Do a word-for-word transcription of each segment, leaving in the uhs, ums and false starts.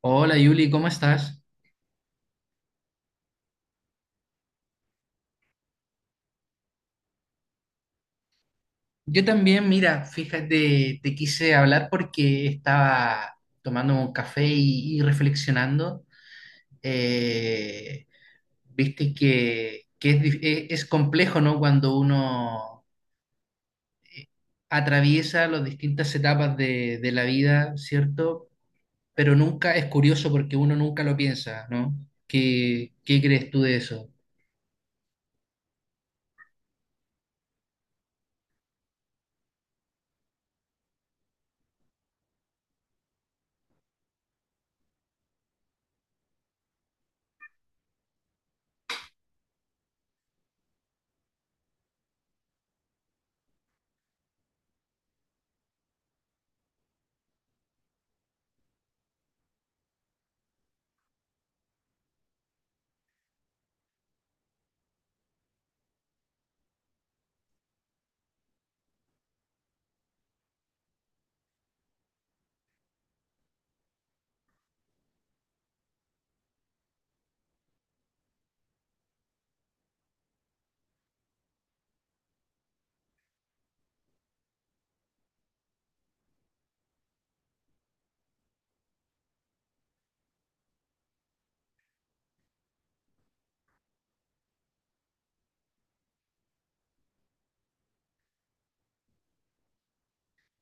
Hola Yuli, ¿cómo estás? Yo también, mira, fíjate, te quise hablar porque estaba tomando un café y, y reflexionando. Eh, Viste que, que es, dif- e- es complejo, ¿no? Cuando uno atraviesa las distintas etapas de, de la vida, ¿cierto? Pero nunca es curioso porque uno nunca lo piensa, ¿no? ¿Qué, qué crees tú de eso?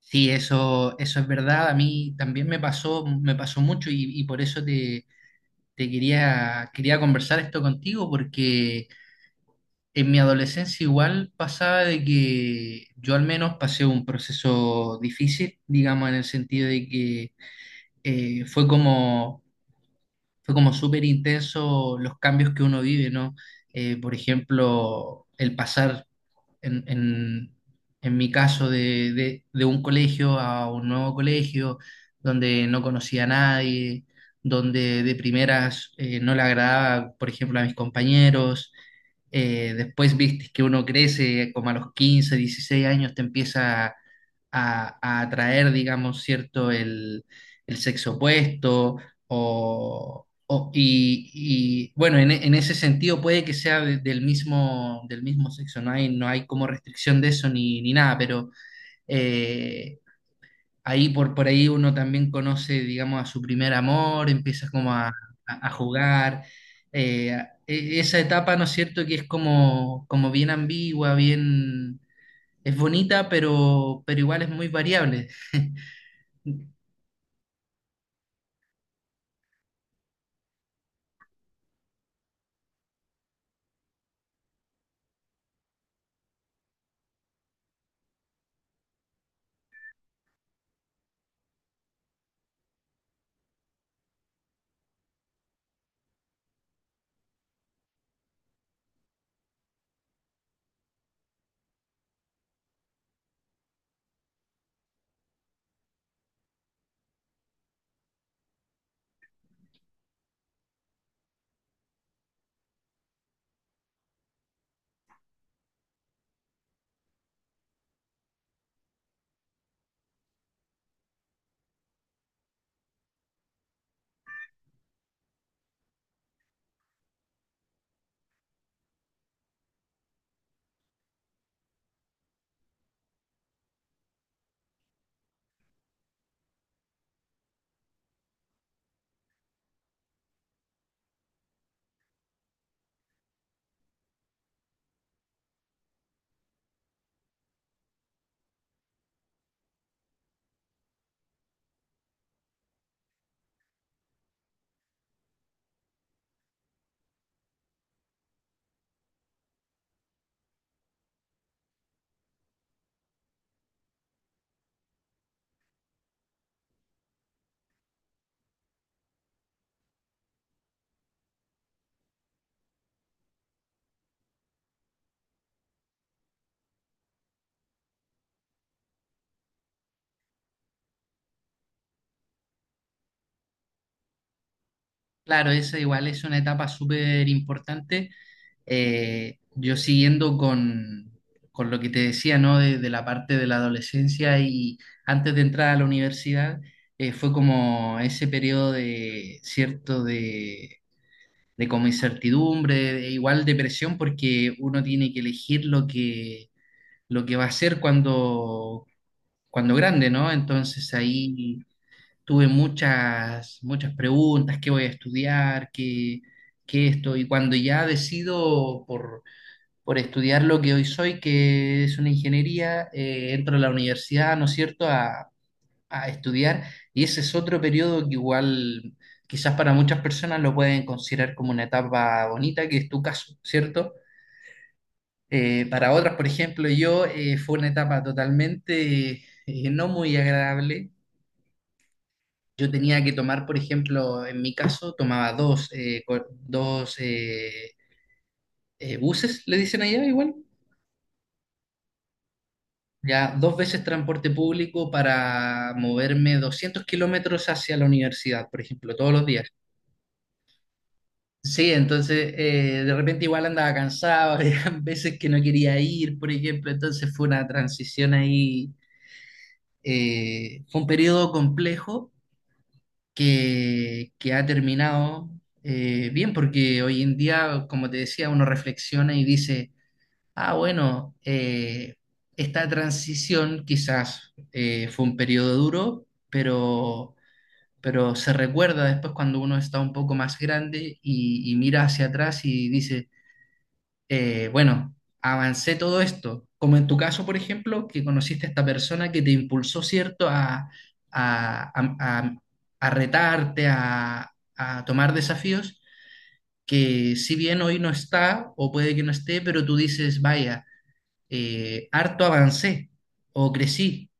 Sí, eso, eso es verdad. A mí también me pasó, me pasó mucho y, y por eso te, te quería, quería conversar esto contigo, porque en mi adolescencia igual pasaba de que yo al menos pasé un proceso difícil, digamos, en el sentido de que eh, fue como, fue como súper intenso los cambios que uno vive, ¿no? Eh, por ejemplo, el pasar en, en- en mi caso de, de- de un colegio a un nuevo colegio, donde no conocía a nadie, donde de primeras eh, no le agradaba, por ejemplo, a mis compañeros. Eh, después viste que uno crece como a los quince dieciséis años, te empieza a, a atraer, digamos, cierto, el, el sexo opuesto o, o- y, y, bueno, en, e- en ese sentido puede que sea de- del mismo, del mismo sexo, no hay, no hay como restricción de eso ni, ni nada, pero eh, ahí por, por ahí uno también conoce, digamos, a su primer amor, empieza como a, a- a jugar. eh, e- Esa etapa, ¿no es cierto?, que es como, como bien ambigua, bien, es bonita, pero, pero igual es muy variable. Claro, esa igual es una etapa súper importante. Eh, yo siguiendo con, con lo que te decía, ¿no? De, de la parte de la adolescencia y antes de entrar a la universidad, eh, fue como ese periodo de, cierto, de, de como incertidumbre, de igual depresión, porque uno tiene que elegir lo que, lo que va a hacer cuando, cuando grande, ¿no? Entonces ahí tuve muchas, muchas preguntas, qué voy a estudiar, qué, qué esto, y cuando ya decido por, por estudiar lo que hoy soy, que es una ingeniería, eh, entro a la universidad, ¿no es cierto?, a, a estudiar, y ese es otro periodo que igual quizás para muchas personas lo pueden considerar como una etapa bonita, que es tu caso, ¿cierto? Eh, para otras, por ejemplo, yo eh, fue una etapa totalmente eh, no muy agradable. Yo tenía que tomar, por ejemplo, en mi caso, tomaba dos, eh, co- dos eh, eh, buses, le dicen allá igual, ya dos veces transporte público para moverme doscientos kilómetros hacia la universidad, por ejemplo, todos los días. Sí, entonces eh, de repente igual andaba cansado, habían veces que no quería ir, por ejemplo, entonces fue una transición ahí, eh, fue un periodo complejo que, que ha terminado eh, bien, porque hoy en día, como te decía, uno reflexiona y dice, ah, bueno, eh, esta transición quizás eh, fue un periodo duro, pero, pero se recuerda después cuando uno está un poco más grande y, y mira hacia atrás y dice, eh, bueno, avancé todo esto, como en tu caso, por ejemplo, que conociste a esta persona que te impulsó, ¿cierto?, a, a, a- a- a retarte, a, a tomar desafíos, que si bien hoy no está, o puede que no esté, pero tú dices, vaya, eh, harto avancé o crecí.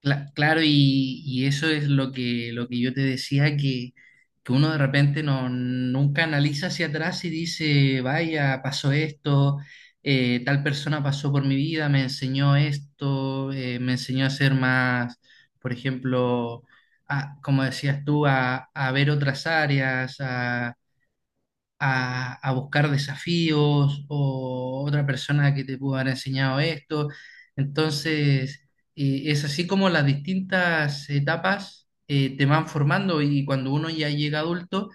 Cla- claro, y, y eso es lo que, lo que yo te decía, que, que uno de repente no, nunca analiza hacia atrás y dice, vaya, pasó esto, eh, tal persona pasó por mi vida, me enseñó esto, eh, me enseñó a ser más, por ejemplo, a- como decías tú, a, a ver otras áreas, a, a buscar desafíos o otra persona que te pudo haber enseñado esto. Entonces, eh, es así como las distintas etapas eh, te van formando y cuando uno ya llega adulto,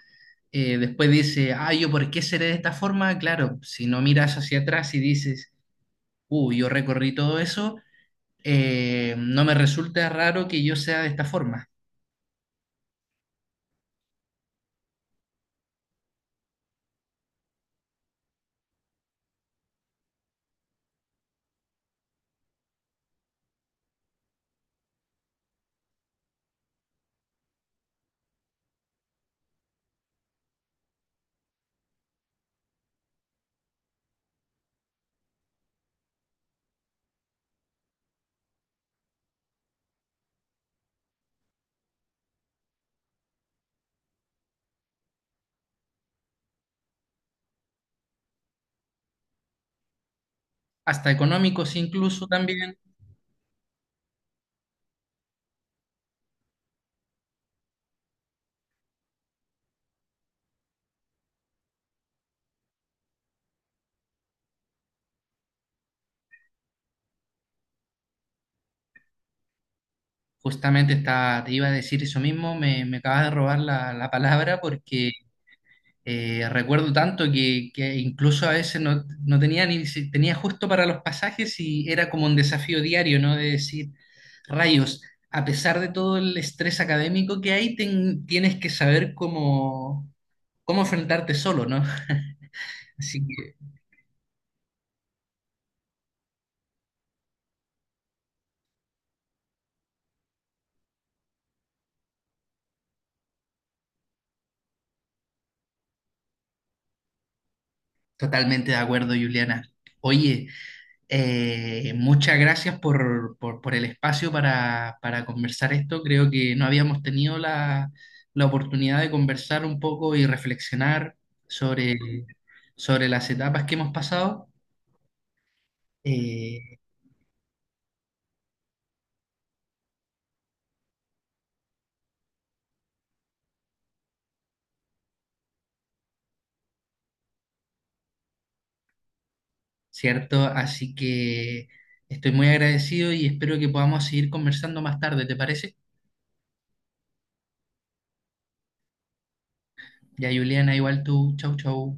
eh, después dice, ah, yo por qué seré de esta forma, claro, si no miras hacia atrás y dices, uh, yo recorrí todo eso, eh, no me resulta raro que yo sea de esta forma. Hasta económicos incluso también. Justamente está, te iba a decir eso mismo, me, me acabas de robar la, la palabra porque eh, recuerdo tanto que, que incluso a veces no, no tenía ni, si- tenía justo para los pasajes y era como un desafío diario, ¿no? De decir, rayos, a pesar de todo el estrés académico que hay, ten- tienes que saber cómo, cómo enfrentarte solo, ¿no? Así que totalmente de acuerdo, Juliana. Oye, Eh, muchas gracias por, por- por el espacio para, para conversar esto. Creo que no habíamos tenido la, la oportunidad de conversar un poco y reflexionar sobre, sobre las etapas que hemos pasado, eh, ¿cierto? Así que estoy muy agradecido y espero que podamos seguir conversando más tarde, ¿te parece? Ya, Juliana, igual tú. Chau, chau.